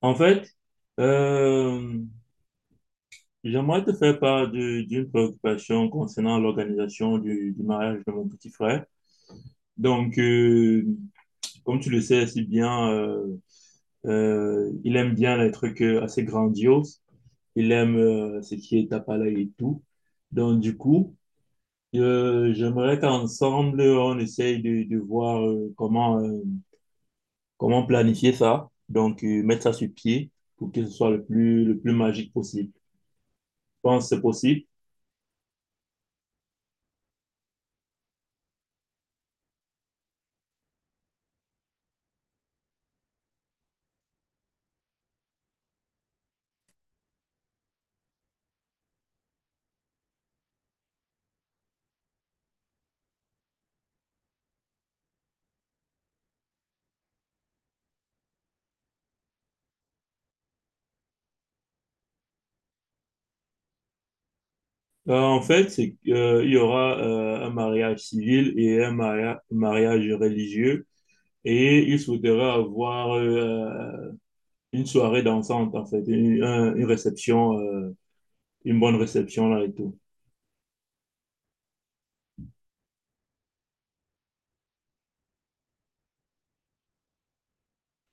En fait, euh, J'aimerais te faire part d'une préoccupation concernant l'organisation du mariage de mon petit frère. Donc, euh, Comme tu le sais si bien, il aime bien les trucs assez grandioses. Il aime ce qui est palais et tout. Donc, du coup, J'aimerais qu'ensemble, on essaye de voir comment, comment planifier ça. Mettre ça sur pied pour que ce soit le plus magique possible. Je pense que c'est possible. En fait, c'est que, il y aura un mariage civil et un mariage religieux. Et il souhaiterait avoir une soirée dansante, en fait, une réception, une bonne réception là et tout.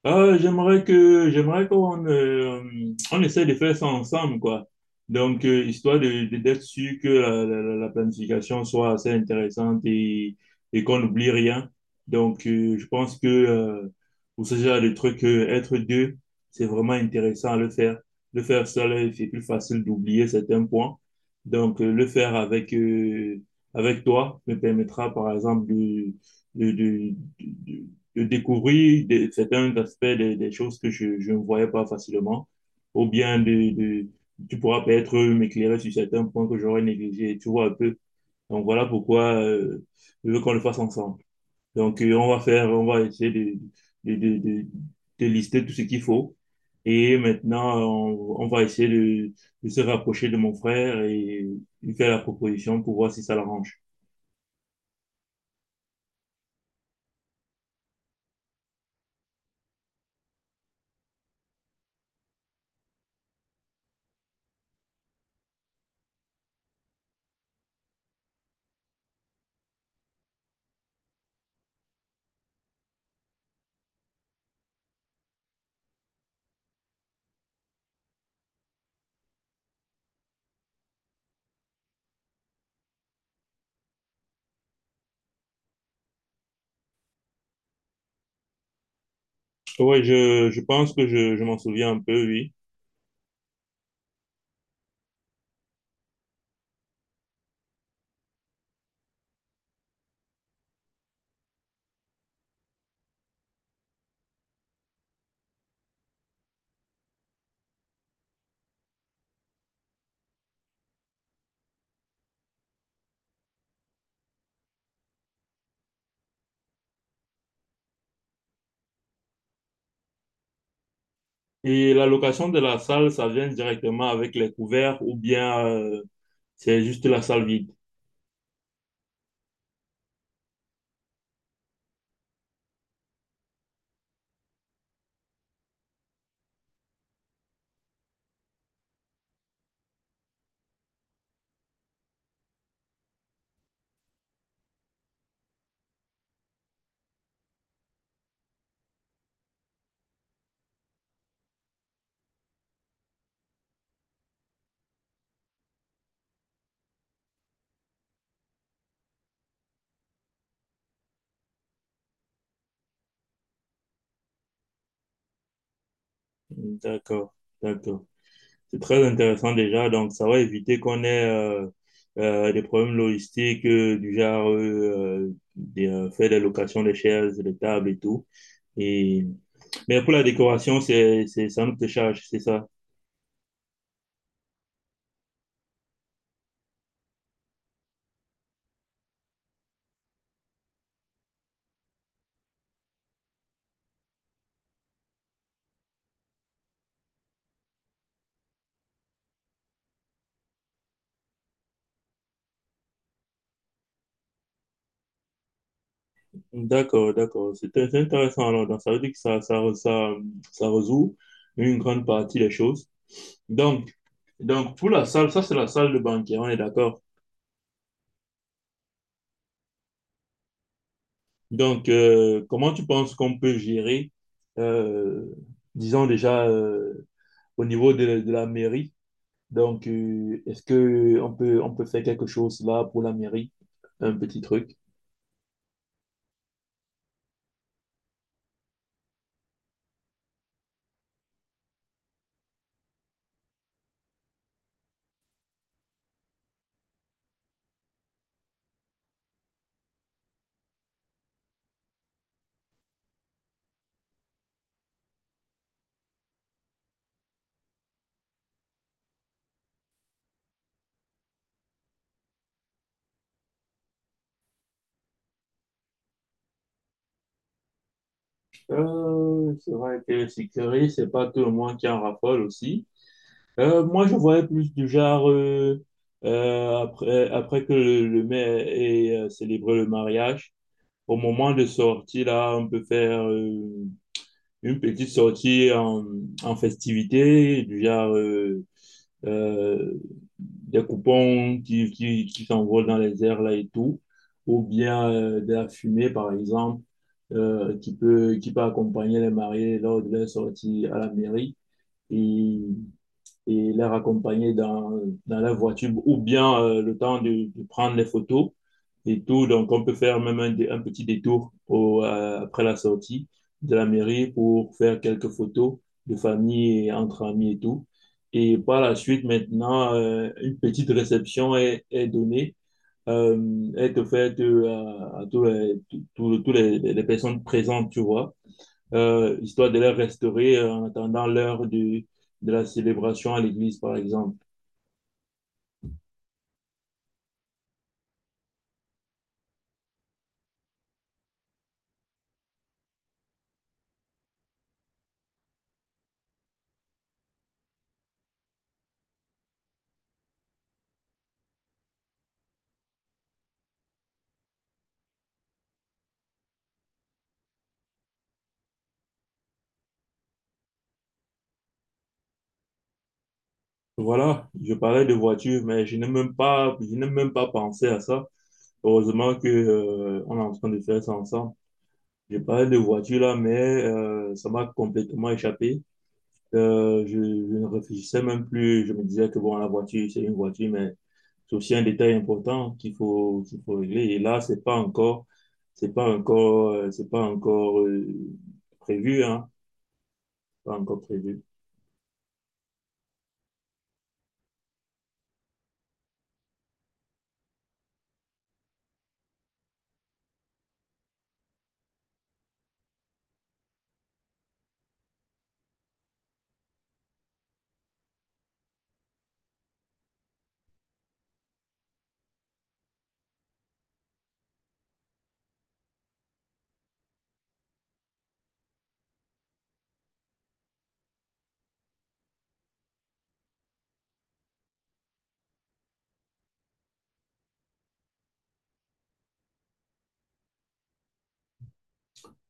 J'aimerais qu'on on essaie de faire ça ensemble, quoi. Histoire de, d'être sûr que la planification soit assez intéressante et qu'on n'oublie rien. Je pense que pour ce genre de truc, être deux, c'est vraiment intéressant à le faire. Le faire seul, c'est plus facile d'oublier certains points. Le faire avec, avec toi me permettra, par exemple, de, de, de découvrir certains aspects des choses que je ne voyais pas facilement, ou bien tu pourras peut-être m'éclairer sur certains points que j'aurais négligés, tu vois un peu. Donc voilà pourquoi je veux qu'on le fasse ensemble. On va essayer de, de, de, de lister tout ce qu'il faut. Et maintenant, on va essayer de se rapprocher de mon frère et lui faire la proposition pour voir si ça l'arrange. Oui, je pense que je m'en souviens un peu, oui. Et la location de la salle, ça vient directement avec les couverts ou bien c'est juste la salle vide. D'accord, d'accord. C'est très intéressant déjà. Donc, ça va éviter qu'on ait des problèmes logistiques du genre faire des locations des chaises, des tables et tout. Et... Mais pour la décoration, ça nous te charge, c'est ça. D'accord, d'accord. C'est intéressant. Alors, donc, ça veut dire que ça résout une grande partie des choses. Donc, Donc, pour la salle, ça, c'est la salle de banquet, on est d'accord. Comment tu penses qu'on peut gérer, euh, disons déjà, au niveau de la mairie? Est-ce que on peut faire quelque chose là pour la mairie? Un petit truc. C'est vrai que sécurité, c'est pas tout le monde qui en raffole aussi. Moi, je voyais plus du genre, après que le maire ait célébré le mariage, au moment de sortie là, on peut faire une petite sortie en, en festivité, du genre euh, des coupons qui s'envolent dans les airs là et tout, ou bien de la fumée, par exemple, qui peut accompagner les mariés lors de leur sortie à la mairie. Et et les raccompagner dans, dans la voiture ou bien le temps de prendre les photos et tout. Donc, on peut faire même un petit détour au, après la sortie de la mairie pour faire quelques photos de famille et entre amis et tout. Et par la suite, maintenant, une petite réception est donnée, est offerte à tous tous les personnes présentes, tu vois histoire de les restaurer en attendant l'heure de la célébration à l'église, par exemple. Voilà, je parlais de voiture, mais je n'ai même pas pensé à ça. Heureusement que, on est en train de faire ça ensemble. Je parlais de voiture là, mais ça m'a complètement échappé. Je ne réfléchissais même plus. Je me disais que bon, la voiture, c'est une voiture, mais c'est aussi un détail important qu'il faut régler. Et là, c'est pas encore prévu, hein. Pas encore prévu.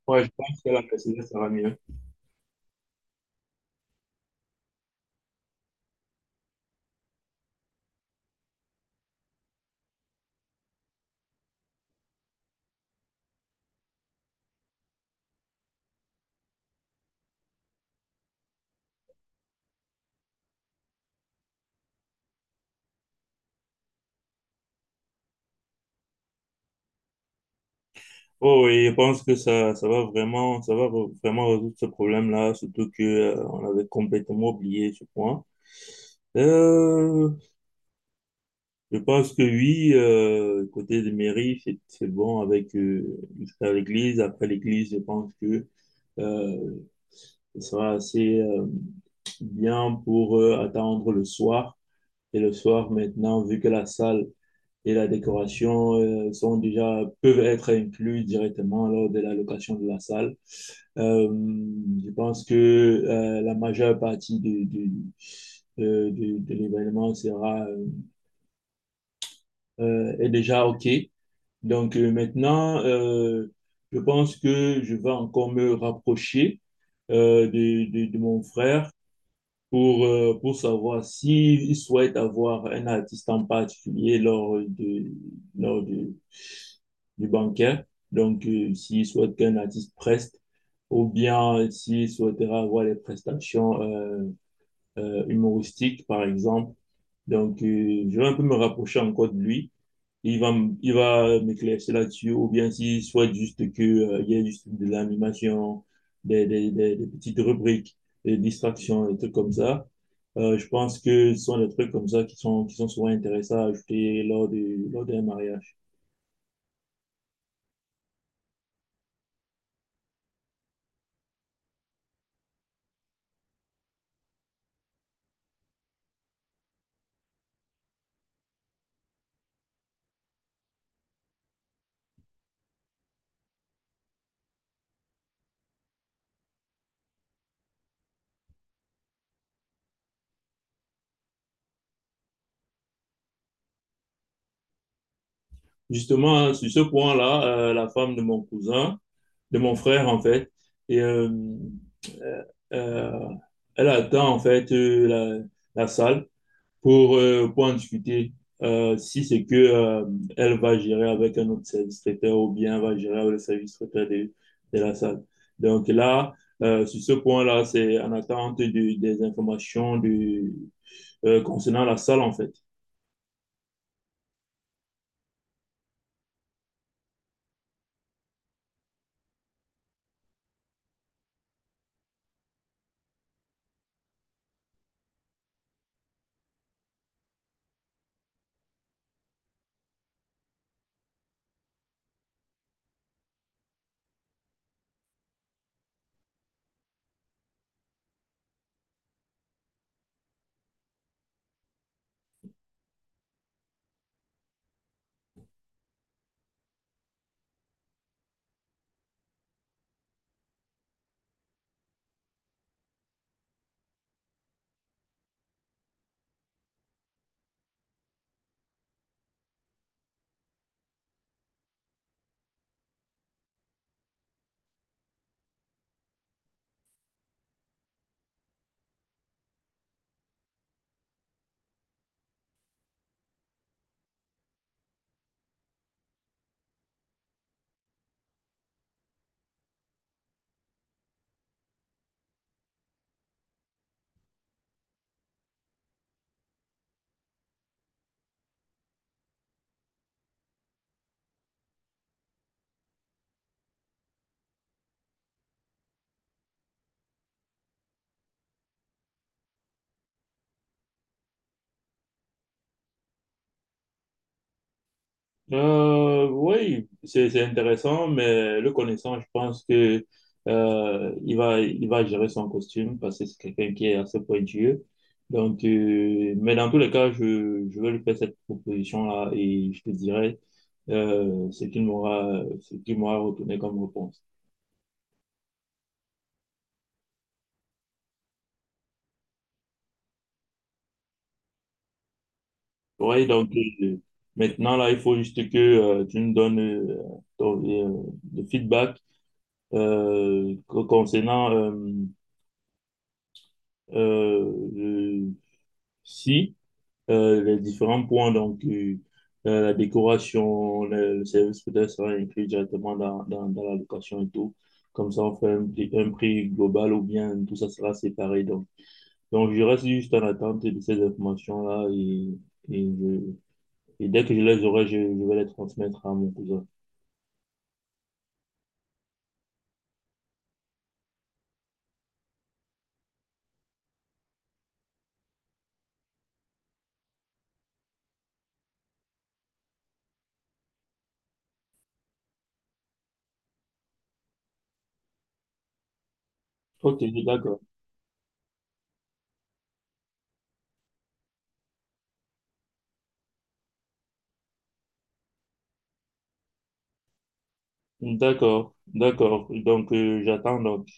Ouais, je pense que la Mercedes, ça va mieux. Oh, et je pense que ça va vraiment résoudre ce problème-là, surtout que, on avait complètement oublié ce point. Euh, Je pense que oui, côté des mairies, c'est bon avec, jusqu'à l'église. Après l'église, je pense que euh, ce sera assez bien pour attendre le soir. Et le soir, maintenant, vu que la salle et la décoration sont déjà, peuvent être inclus directement lors de la location de la salle, euh, je pense que la majeure partie de l'événement sera est déjà OK. Donc euh, maintenant, euh, je pense que je vais encore me rapprocher de mon frère pour savoir s'il souhaite avoir un artiste en particulier lors de, du banquet. S'il souhaite qu'un artiste preste ou bien s'il souhaitera avoir des prestations humoristiques, par exemple. Je vais un peu me rapprocher encore de lui. Il va, il va m'éclaircir là-dessus, ou bien s'il souhaite juste que, il y ait juste de l'animation, des petites rubriques, des distractions, des trucs comme ça. Je pense que ce sont des trucs comme ça qui sont souvent intéressants à ajouter lors d'un mariage. Justement, sur ce point-là, la femme de mon cousin, de mon frère, en fait, et, euh, euh, euh, elle attend, en fait, la salle pour en discuter. Si c'est que elle va gérer avec un autre service traiteur ou bien elle va gérer avec le service traiteur de la salle. Donc là, sur ce point-là, c'est en attente des informations de, concernant la salle en fait. Oui, c'est intéressant, mais le connaissant, je pense que il va gérer son costume parce que c'est quelqu'un qui est assez pointueux. Mais dans tous les cas, je vais lui faire cette proposition-là et je te dirai ce qu'il m'aura retourné comme réponse. Oui, donc euh, maintenant là, il faut juste que tu nous donnes ton- euh, le feedback concernant euh, Si, les différents points, la décoration, le service peut-être sera inclus directement dans la location et tout. Comme ça, on fait un prix global ou bien tout ça sera séparé. Donc, je reste juste en attente de ces informations-là et, et, je- et dès que je les aurai, je vais les transmettre à mon cousin. Ok, d'accord. D'accord, d'accord. Donc, j'attends donc.